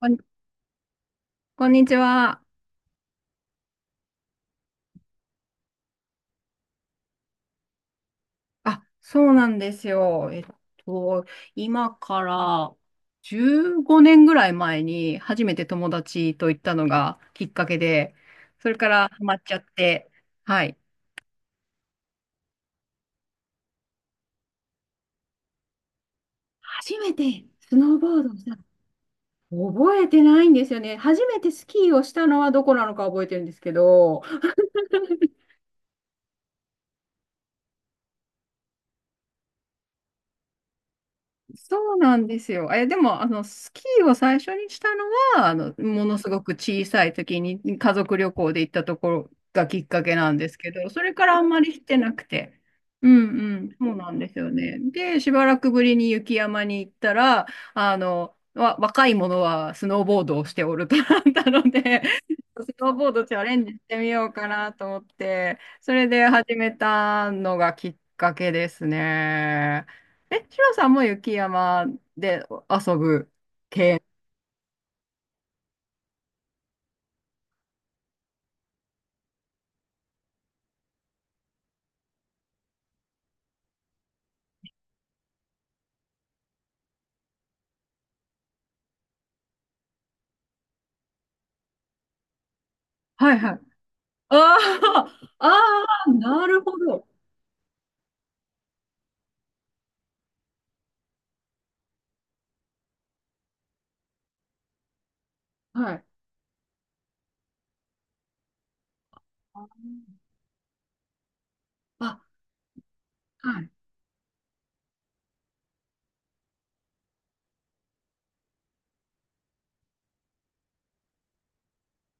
こん、こんにちは。あ、そうなんですよ。と、今から15年ぐらい前に初めて友達と行ったのがきっかけで、それからハマっちゃって、はい。初めてスノーボードをしたの覚えてないんですよね。初めてスキーをしたのはどこなのか覚えてるんですけど。そうなんですよ。でも、スキーを最初にしたのは、ものすごく小さい時に家族旅行で行ったところがきっかけなんですけど、それからあんまりしてなくて。うんうん、そうなんですよね。で、しばらくぶりに雪山に行ったら、若い者はスノーボードをしておるとなったので、スノーボードチャレンジしてみようかなと思って、それで始めたのがきっかけですね。シロさんも雪山で遊ぶ。はいはい。ああ、ああ、なるほど。はい。あ、はい。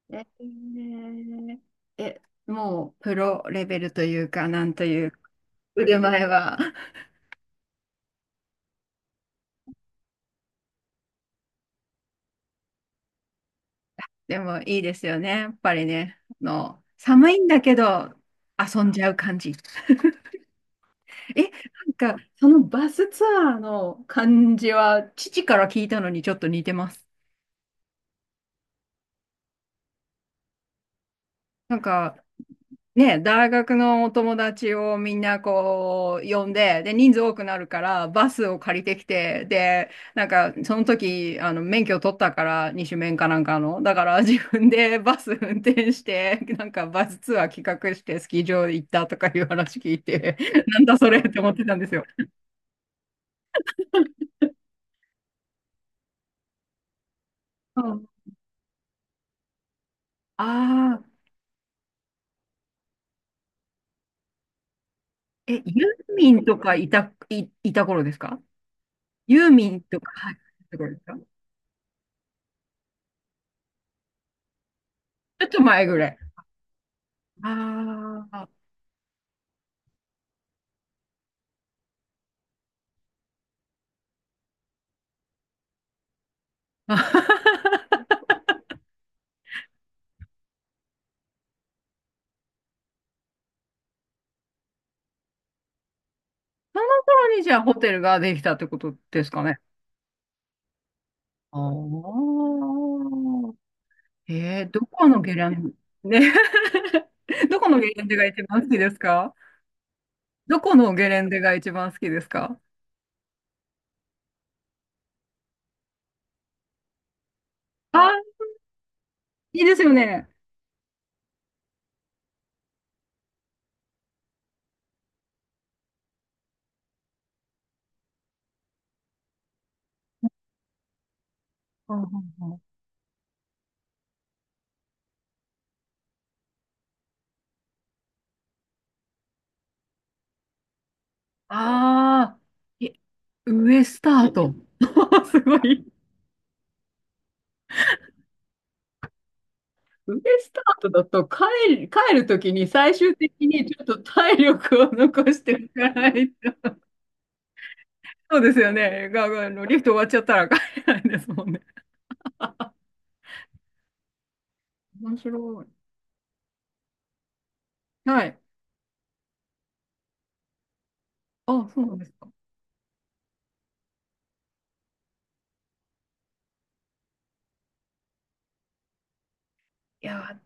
えーえ、もうプロレベルというか、なんというか腕前は。でもいいですよね。やっぱりね、寒いんだけど遊んじゃう感じ。なんか、そのバスツアーの感じは、父から聞いたのにちょっと似てます。なんか、ね、大学のお友達をみんなこう、呼んで、で、人数多くなるから、バスを借りてきて、で、なんか、その時、免許取ったから、二種免かなんかの。だから、自分でバス運転して、なんか、バスツアー企画して、スキー場行ったとかいう話聞いて、なんだそれって思ってたんですよ。うん。ああ。ユーミンとかいた頃ですか？ユーミンとか、はい、いた頃ですか？ちょっと前ぐらい。ああ。その頃にじゃあホテルができたってことですかね。ああ。どこのゲレンデ、ね。どこのゲレンデが一番好きですか？どこのゲレンデが一番好きですか？あ、いいですよね。うんうんうん。ああ、いウエスタート。すごい。腕スタートだと帰るときに最終的にちょっと体力を残していかないと。そうですよね。が、があの、リフト終わっちゃったら帰れないですもんね。面白い。はい。あ、そうなんですか？いやー、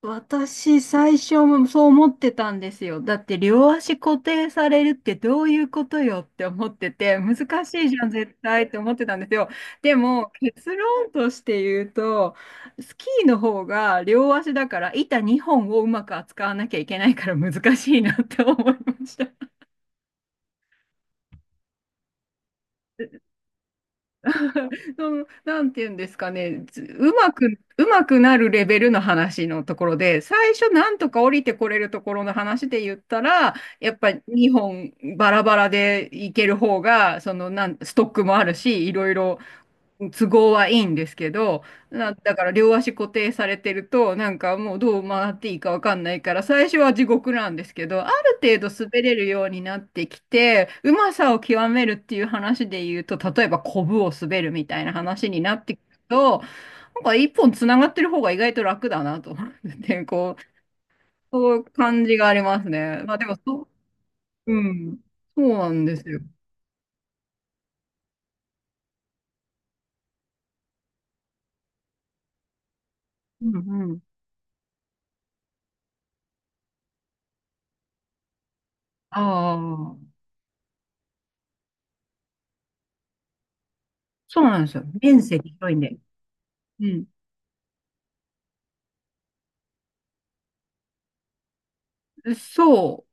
私、最初もそう思ってたんですよ。だって、両足固定されるってどういうことよって思ってて、難しいじゃん、絶対って思ってたんですよ。でも、結論として言うと、スキーの方が両足だから、板2本をうまく扱わなきゃいけないから難しいなって思いました。その、なんて言うんですかね、ずうまく、うまくなるレベルの話のところで、最初なんとか降りてこれるところの話で言ったら、やっぱ日本バラバラでいける方が、ストックもあるし、いろいろ都合はいいんですけど、だから両足固定されてると、なんかもうどう回っていいかわかんないから、最初は地獄なんですけど、ある程度滑れるようになってきて、うまさを極めるっていう話で言うと、例えばコブを滑るみたいな話になってくると、なんか一本つながってる方が意外と楽だなと思って こう、そういう感じがありますね。まあでも、そう、うん、そうなんですよ。うんうん。ああ、そうなんですよ。面積広いんで。うんそ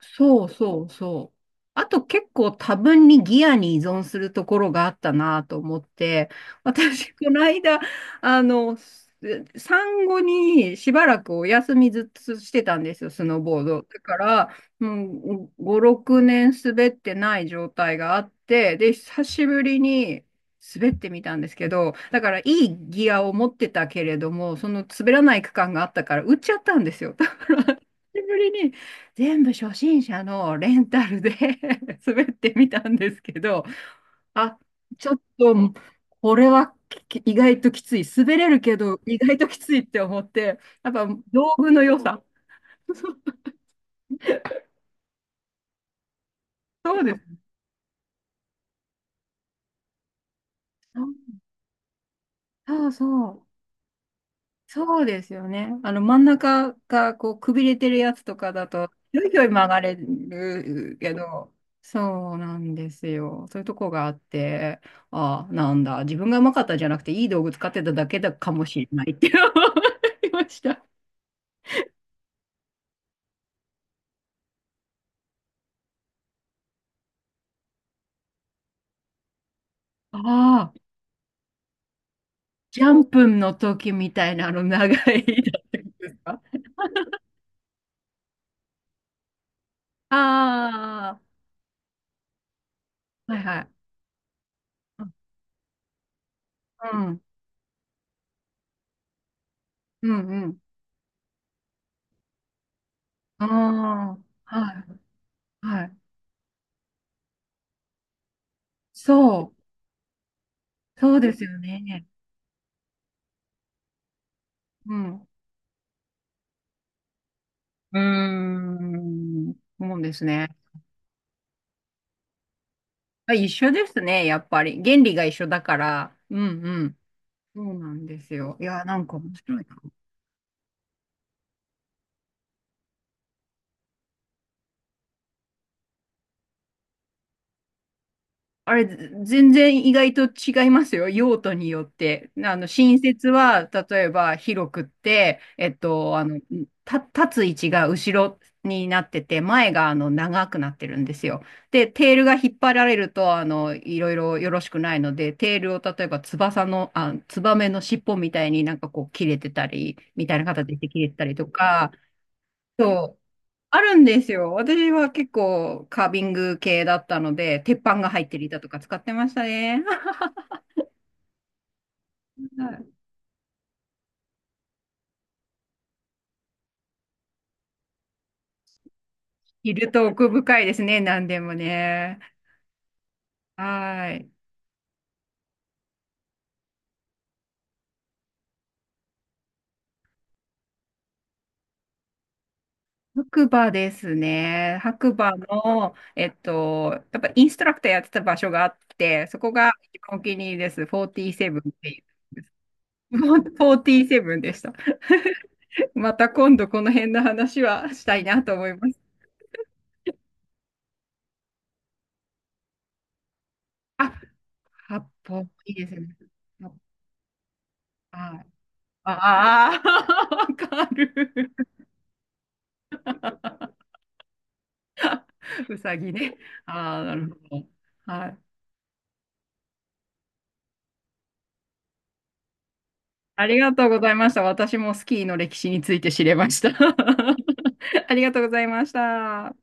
う、そうそうそう。あと結構多分にギアに依存するところがあったなと思って、私、この間、あの、す産後にしばらくお休みずっとしてたんですよ、スノーボード。だから、もう5、6年滑ってない状態があって、で、久しぶりに滑ってみたんですけど、だからいいギアを持ってたけれども、その滑らない区間があったから、売っちゃったんですよ。だから久しぶりに全部初心者のレンタルで 滑ってみたんですけど、あ、ちょっと、これは意外ときつい。滑れるけど、意外ときついって思って、やっぱ道具の良さ。そうです。そうそう。そうですよね。あの真ん中がこうくびれてるやつとかだと、ひょいひょい曲がれるけど、そうなんですよ。そういうとこがあって、ああ、なんだ、自分がうまかったんじゃなくて、いい道具使ってただけだかもしれないって思いました。ああ、ジャンプの時みたいなあの長いだってことですか？ああ、はいはい。うん、うん、うん。ああ、はい、はい。そう、そうですよね。うん。うーん。そうですね。あ、一緒ですね、やっぱり。原理が一緒だから。うんうん。そうなんですよ。いや、なんか面白いな。あれ、全然意外と違いますよ。用途によって。新設は、例えば広くって、立つ位置が後ろになってて、前が長くなってるんですよ。で、テールが引っ張られると、いろいろよろしくないので、テールを例えば翼の、あ、ツバメの尻尾みたいになんかこう切れてたり、みたいな形で切れてたりとか、そうあるんですよ。私は結構カービング系だったので、鉄板が入ってる板とか使ってましたね。はい。いると奥深いですね、何でもね。はい。白馬ですね。白馬の、やっぱインストラクターやってた場所があって、そこが一番お気に入りです。47っていう。フォーティーセブンでした。また今度この辺の話はしたいなと思います。あ、八方いいですね。はい。ああ、わかる。うさぎね。ああ、なるほど。はい。ありがとうございました。私もスキーの歴史について知れました。ありがとうございました。